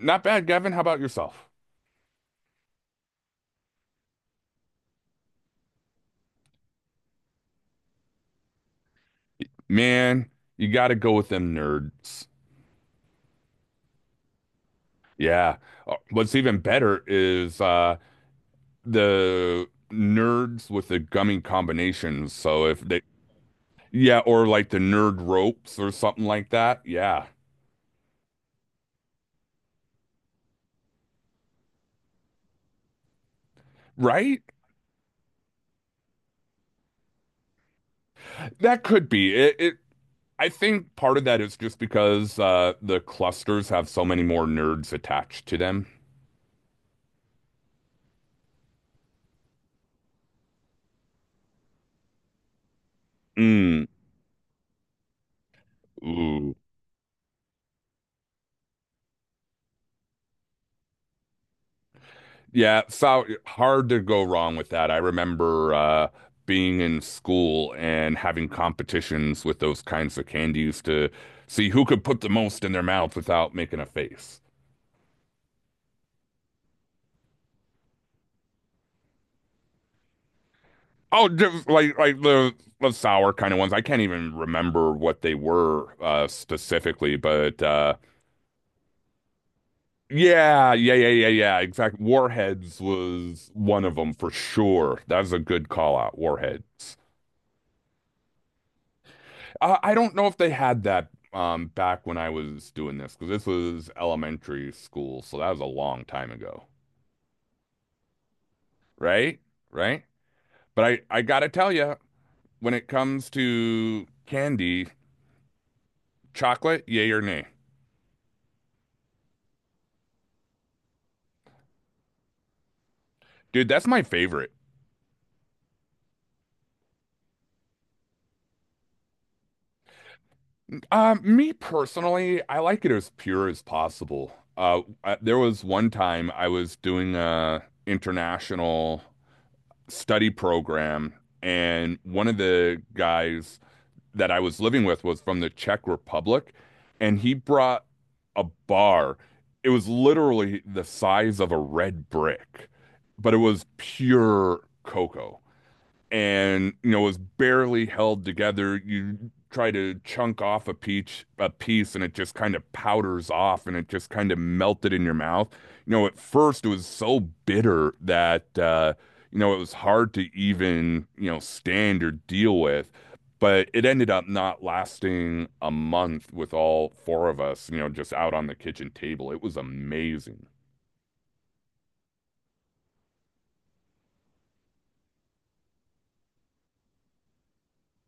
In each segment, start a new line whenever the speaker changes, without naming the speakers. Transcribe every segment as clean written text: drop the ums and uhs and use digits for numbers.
Not bad, Gavin. How about yourself? Man, you got to go with them nerds. Yeah. What's even better is the nerds with the gummy combinations. So if they yeah, or like the nerd ropes or something like that. Yeah. Right? That could be. It I think part of that is just because the clusters have so many more nerds attached to them. Mm. Ooh. Yeah, foul, hard to go wrong with that. I remember being in school and having competitions with those kinds of candies to see who could put the most in their mouth without making a face. Oh, just like the sour kind of ones. I can't even remember what they were specifically, but yeah, yeah, yeah, yeah, yeah. Exact. Warheads was one of them for sure. That's a good call out. Warheads. I don't know if they had that back when I was doing this because this was elementary school, so that was a long time ago, right? Right? But I gotta tell you, when it comes to candy, chocolate, yay or nay, dude, that's my favorite. Me personally, I like it as pure as possible. There was one time I was doing a international study program, and one of the guys that I was living with was from the Czech Republic, and he brought a bar. It was literally the size of a red brick, but it was pure cocoa and you know was barely held together. You try to chunk off a peach a piece and it just kind of powders off and it just kind of melted in your mouth. You know, at first it was so bitter that you know it was hard to even you know stand or deal with. But it ended up not lasting a month with all four of us, you know, just out on the kitchen table. It was amazing.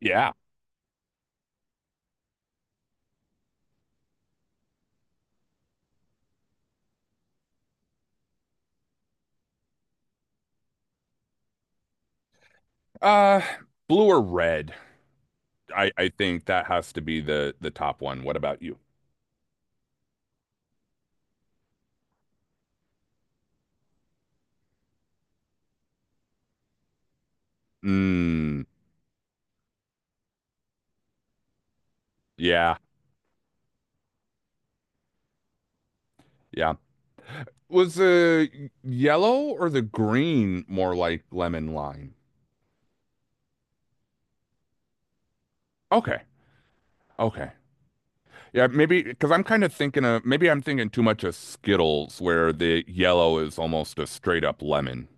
Yeah. Uh, Blue or red? I think that has to be the top one. What about you? Mm, yeah, yeah. Was the yellow or the green more like lemon lime? Okay, okay. Yeah, maybe because I'm kind of thinking of maybe I'm thinking too much of Skittles, where the yellow is almost a straight up lemon.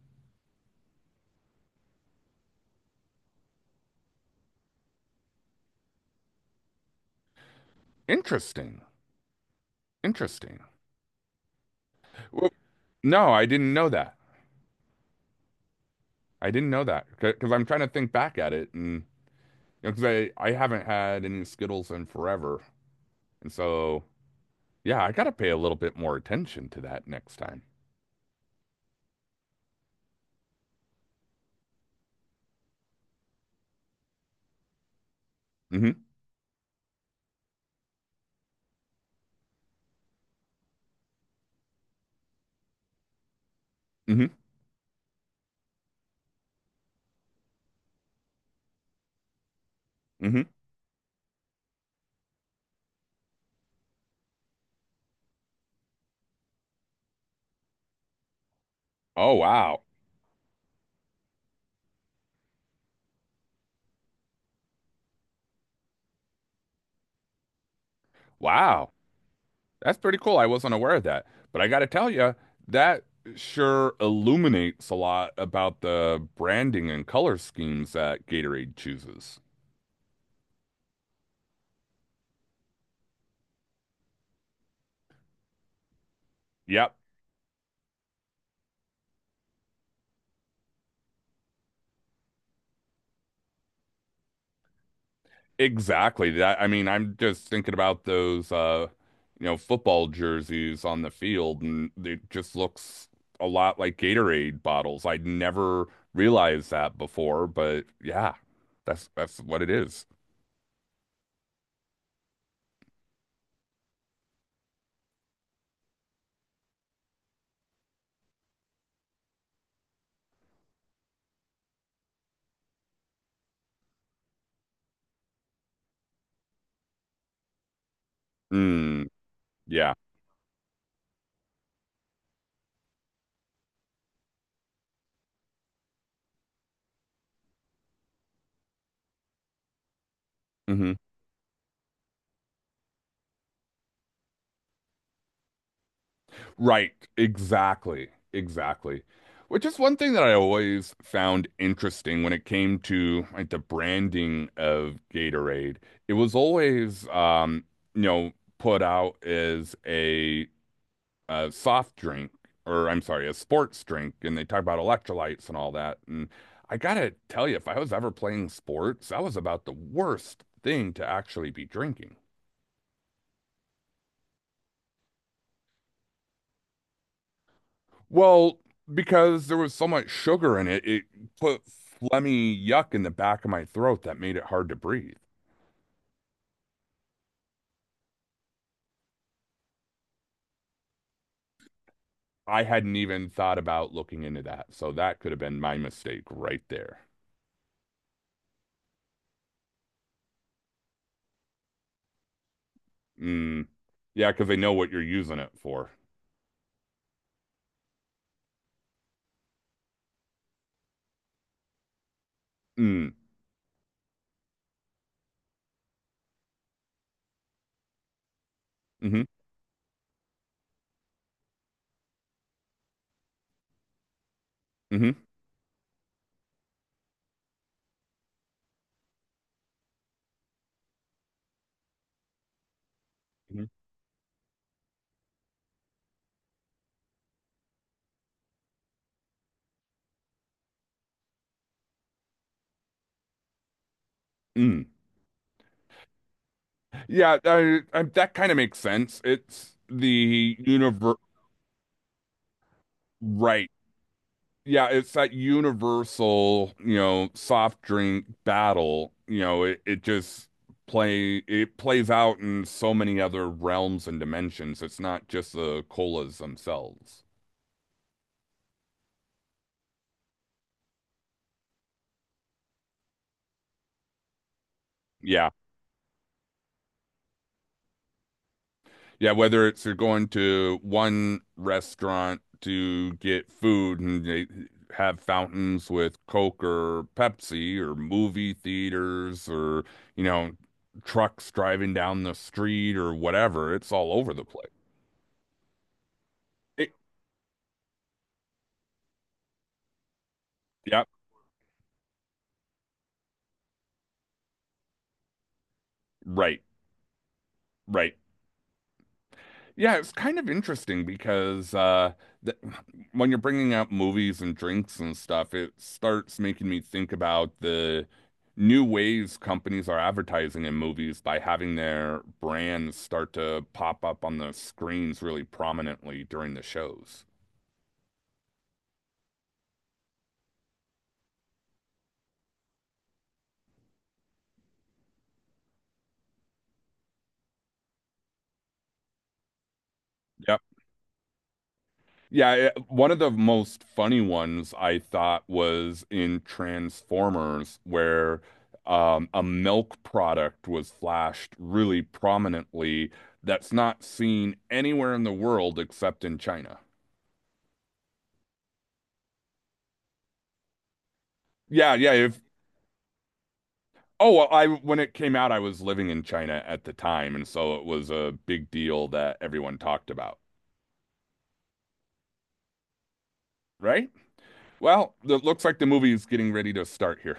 Interesting, interesting. Well, no, I didn't know that. I didn't know that because I'm trying to think back at it, and because I haven't had any Skittles in forever, and so. Yeah, I gotta pay a little bit more attention to that next time. Hmm. Hmm. Hmm. Oh, wow. Wow. That's pretty cool. I wasn't aware of that. But I gotta tell you, that sure illuminates a lot about the branding and color schemes that Gatorade chooses. Yep. Exactly. That, I mean, I'm just thinking about those you know, football jerseys on the field and it just looks a lot like Gatorade bottles. I'd never realized that before, but yeah, that's what it is. Mm, yeah. Mhm. Right, exactly, exactly. Which is one thing that I always found interesting when it came to like the branding of Gatorade. It was always, you know, put out as a, soft drink, or I'm sorry, a sports drink, and they talk about electrolytes and all that. And I gotta tell you, if I was ever playing sports, that was about the worst thing to actually be drinking. Well, because there was so much sugar in it, it put phlegmy yuck in the back of my throat that made it hard to breathe. I hadn't even thought about looking into that, so that could have been my mistake right there. Mm. Yeah, because they know what you're using it for. Mm. Mm-hmm. Mm-hmm. Hmm. Mm. Yeah, that kind of makes sense. It's the universe, right? Yeah, it's that universal, you know, soft drink battle. You know, it just play it plays out in so many other realms and dimensions. It's not just the colas themselves. Yeah. Yeah, whether it's you're going to one restaurant to get food and they have fountains with Coke or Pepsi or movie theaters or, you know, trucks driving down the street or whatever, it's all over the place. It, yeah. Right, right. Yeah, it's kind of interesting because th when you're bringing up movies and drinks and stuff, it starts making me think about the new ways companies are advertising in movies by having their brands start to pop up on the screens really prominently during the shows. Yep. Yeah, it- one of the most funny ones I thought was in Transformers, where a milk product was flashed really prominently that's not seen anywhere in the world except in China. Yeah, yeah. If oh, well, I when it came out, I was living in China at the time, and so it was a big deal that everyone talked about, right? Well, it looks like the movie's getting ready to start here.